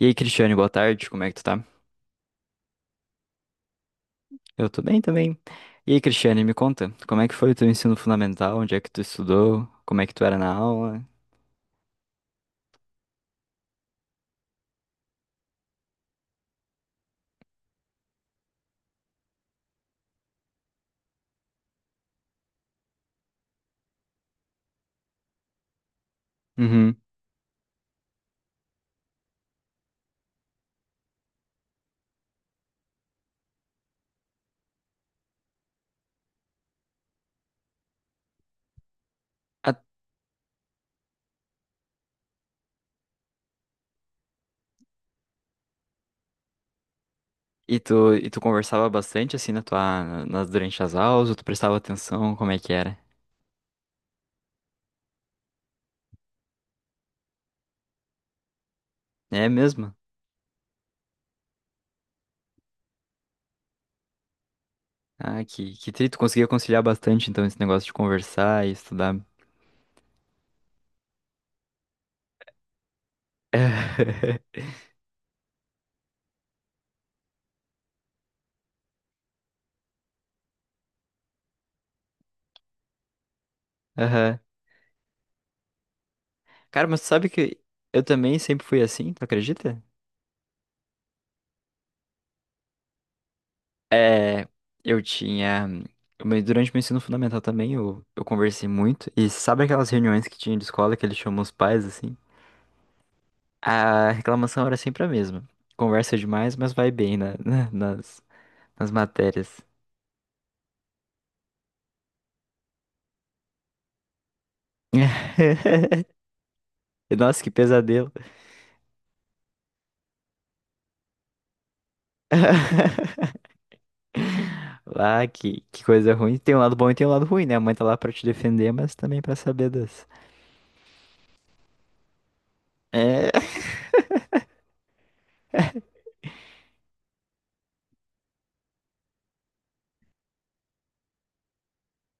E aí, Cristiane, boa tarde, como é que tu tá? Eu tô bem também. E aí, Cristiane, me conta, como é que foi o teu ensino fundamental? Onde é que tu estudou? Como é que tu era na aula? Uhum. Ah, e tu conversava bastante assim na tua, na- nas, durante as aulas, ou tu prestava atenção, como é que era? É mesmo? Ah, que tri, tu conseguia conciliar bastante então esse negócio de conversar e estudar. Aham. Cara, mas tu sabe que eu também sempre fui assim, tu acredita? É, eu tinha. Mas durante o meu ensino fundamental também eu conversei muito. E sabe aquelas reuniões que tinha de escola que eles chamam os pais assim? A reclamação era sempre a mesma. Conversa demais, mas vai bem nas matérias. Nossa, que pesadelo. Lá, que coisa ruim. Tem um lado bom e tem um lado ruim, né? A mãe tá lá pra te defender, mas também pra saber das. É.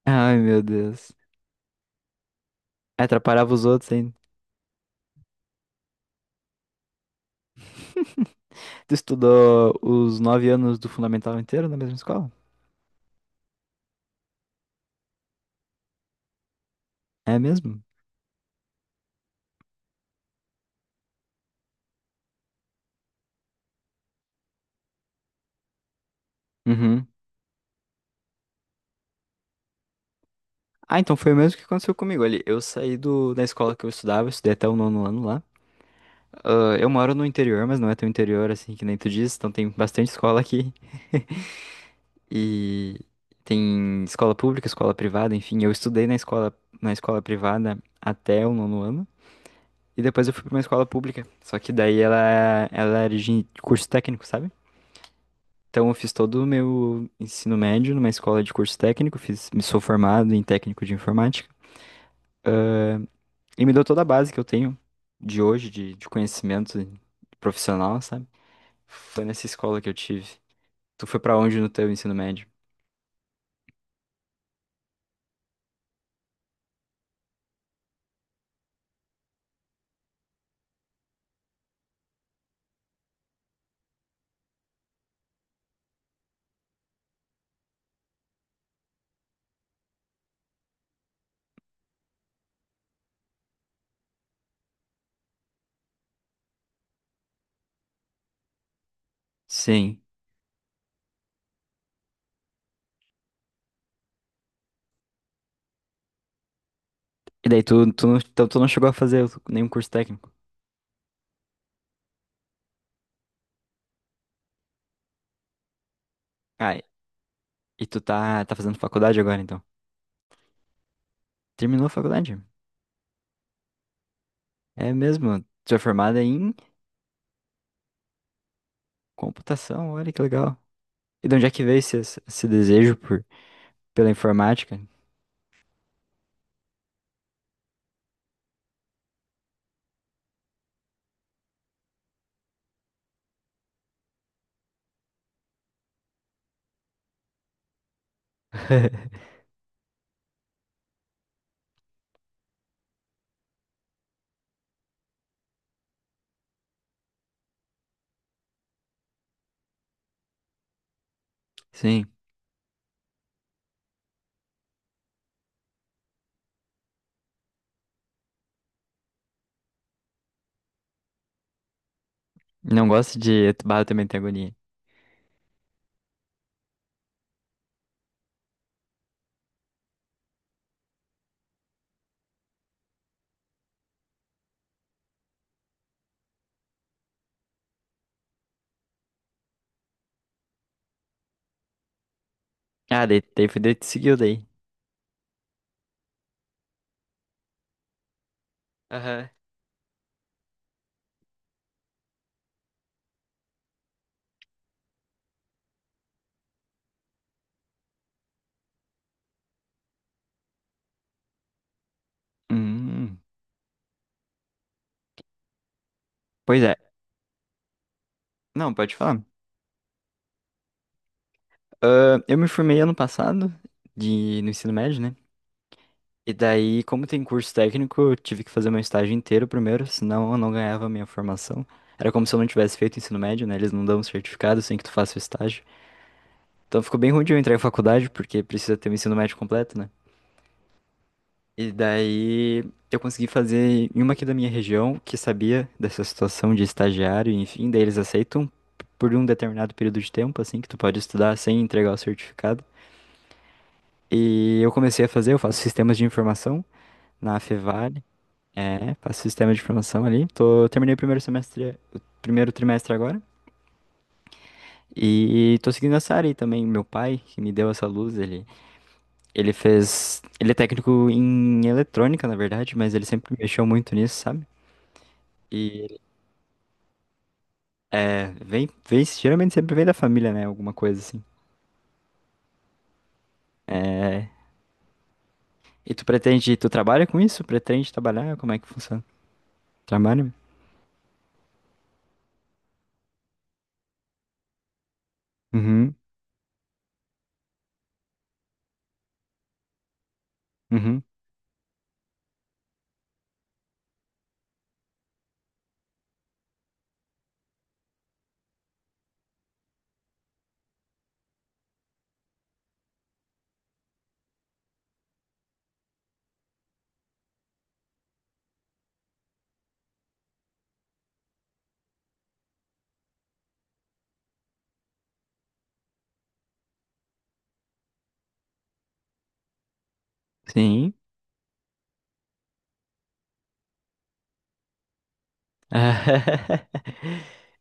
Ai, meu Deus. Atrapalhava os outros ainda. Tu estudou os 9 anos do fundamental inteiro na mesma escola? É mesmo? Uhum. Ah, então foi o mesmo que aconteceu comigo ali. Eu saí da escola que eu estudava, eu estudei até o nono ano lá. Ah, eu moro no interior, mas não é tão interior assim que nem tu diz, então tem bastante escola aqui. E tem escola pública, escola privada, enfim, eu estudei na escola privada até o nono ano. E depois eu fui pra uma escola pública. Só que daí ela era de curso técnico, sabe? Então, eu fiz todo o meu ensino médio numa escola de curso técnico, fiz, me sou formado em técnico de informática e me deu toda a base que eu tenho de hoje, de conhecimento profissional, sabe? Foi nessa escola que eu tive. Tu foi pra onde no teu ensino médio? Sim. E daí tu, tu, não- então, tu não chegou a fazer nenhum curso técnico? Ah, e tu tá fazendo faculdade agora, então? Terminou a faculdade? É mesmo? Tu é formada em computação, olha que legal. E de onde é que veio esse desejo pela informática? Sim. Não gosto de barro também tem agonia. Ah, daí foi daí que tu seguiu daí. Aham. Hum, pois é. Não, pode falar. Ah, eu me formei ano passado no ensino médio, né? E daí, como tem curso técnico, eu tive que fazer meu estágio inteiro primeiro, senão eu não ganhava a minha formação. Era como se eu não tivesse feito ensino médio, né? Eles não dão um certificado sem que tu faça o estágio. Então ficou bem ruim de eu entrar em faculdade, porque precisa ter o ensino médio completo, né? E daí eu consegui fazer em uma aqui da minha região, que sabia dessa situação de estagiário, enfim, daí eles aceitam por um determinado período de tempo, assim, que tu pode estudar sem entregar o certificado. E eu comecei a fazer, eu faço sistemas de informação na Fevale, faço sistema de informação ali. Eu terminei o primeiro semestre, o primeiro trimestre agora. E tô seguindo essa área aí também. Meu pai, que me deu essa luz, ele fez. Ele é técnico em eletrônica, na verdade, mas ele sempre mexeu muito nisso, sabe? E vem, geralmente sempre vem da família, né? Alguma coisa assim. E tu pretende, tu trabalha com isso? Pretende trabalhar? Como é que funciona? Trabalha? Uhum, uhum. Sim.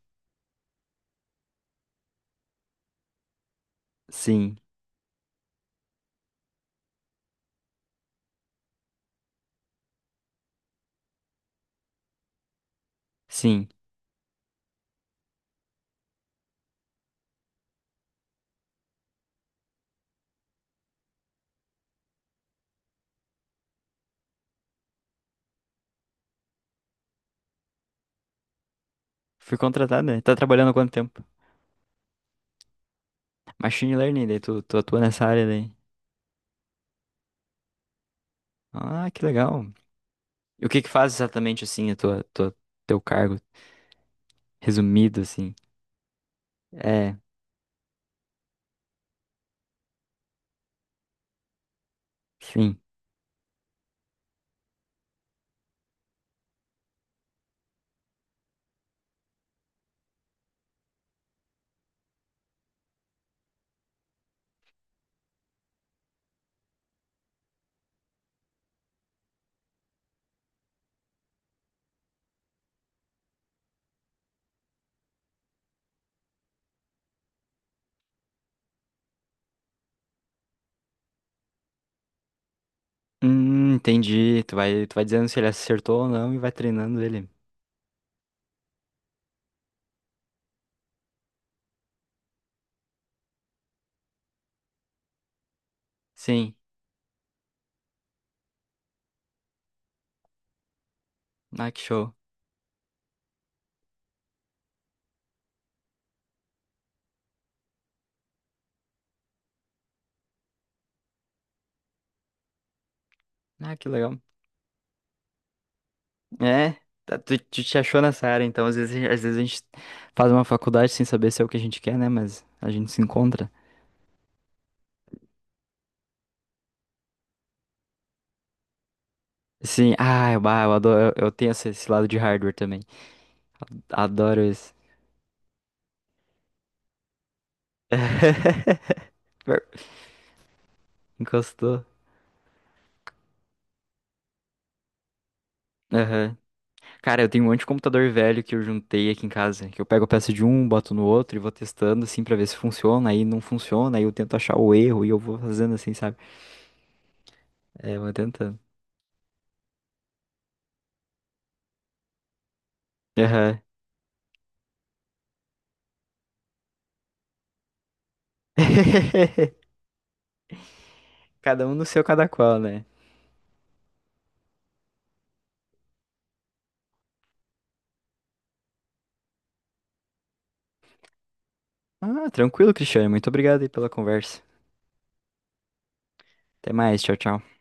Sim, sim. Fui contratado, né? Tá trabalhando há quanto tempo? Machine Learning, daí tu atua nessa área daí. Ah, que legal. E o que que faz exatamente assim a teu cargo? Resumido, assim. É, sim. Entendi. Tu vai dizendo se ele acertou ou não e vai treinando ele. Sim. Ah, que show. Ah, que legal. É, tá, tu te achou nessa área, então às vezes, às vezes a gente faz uma faculdade sem saber se é o que a gente quer, né? Mas a gente se encontra. Sim, ah, bah, eu adoro, eu tenho esse lado de hardware também. Adoro isso. Encostou. Aham. Cara, eu tenho um monte de computador velho que eu juntei aqui em casa, que eu pego a peça de um, boto no outro e vou testando assim pra ver se funciona, aí não funciona, aí eu tento achar o erro e eu vou fazendo assim, sabe? É, vou tentando. Aham. Cada um no seu, cada qual, né? Ah, tranquilo, Cristiane. Muito obrigado aí pela conversa. Até mais. Tchau, tchau.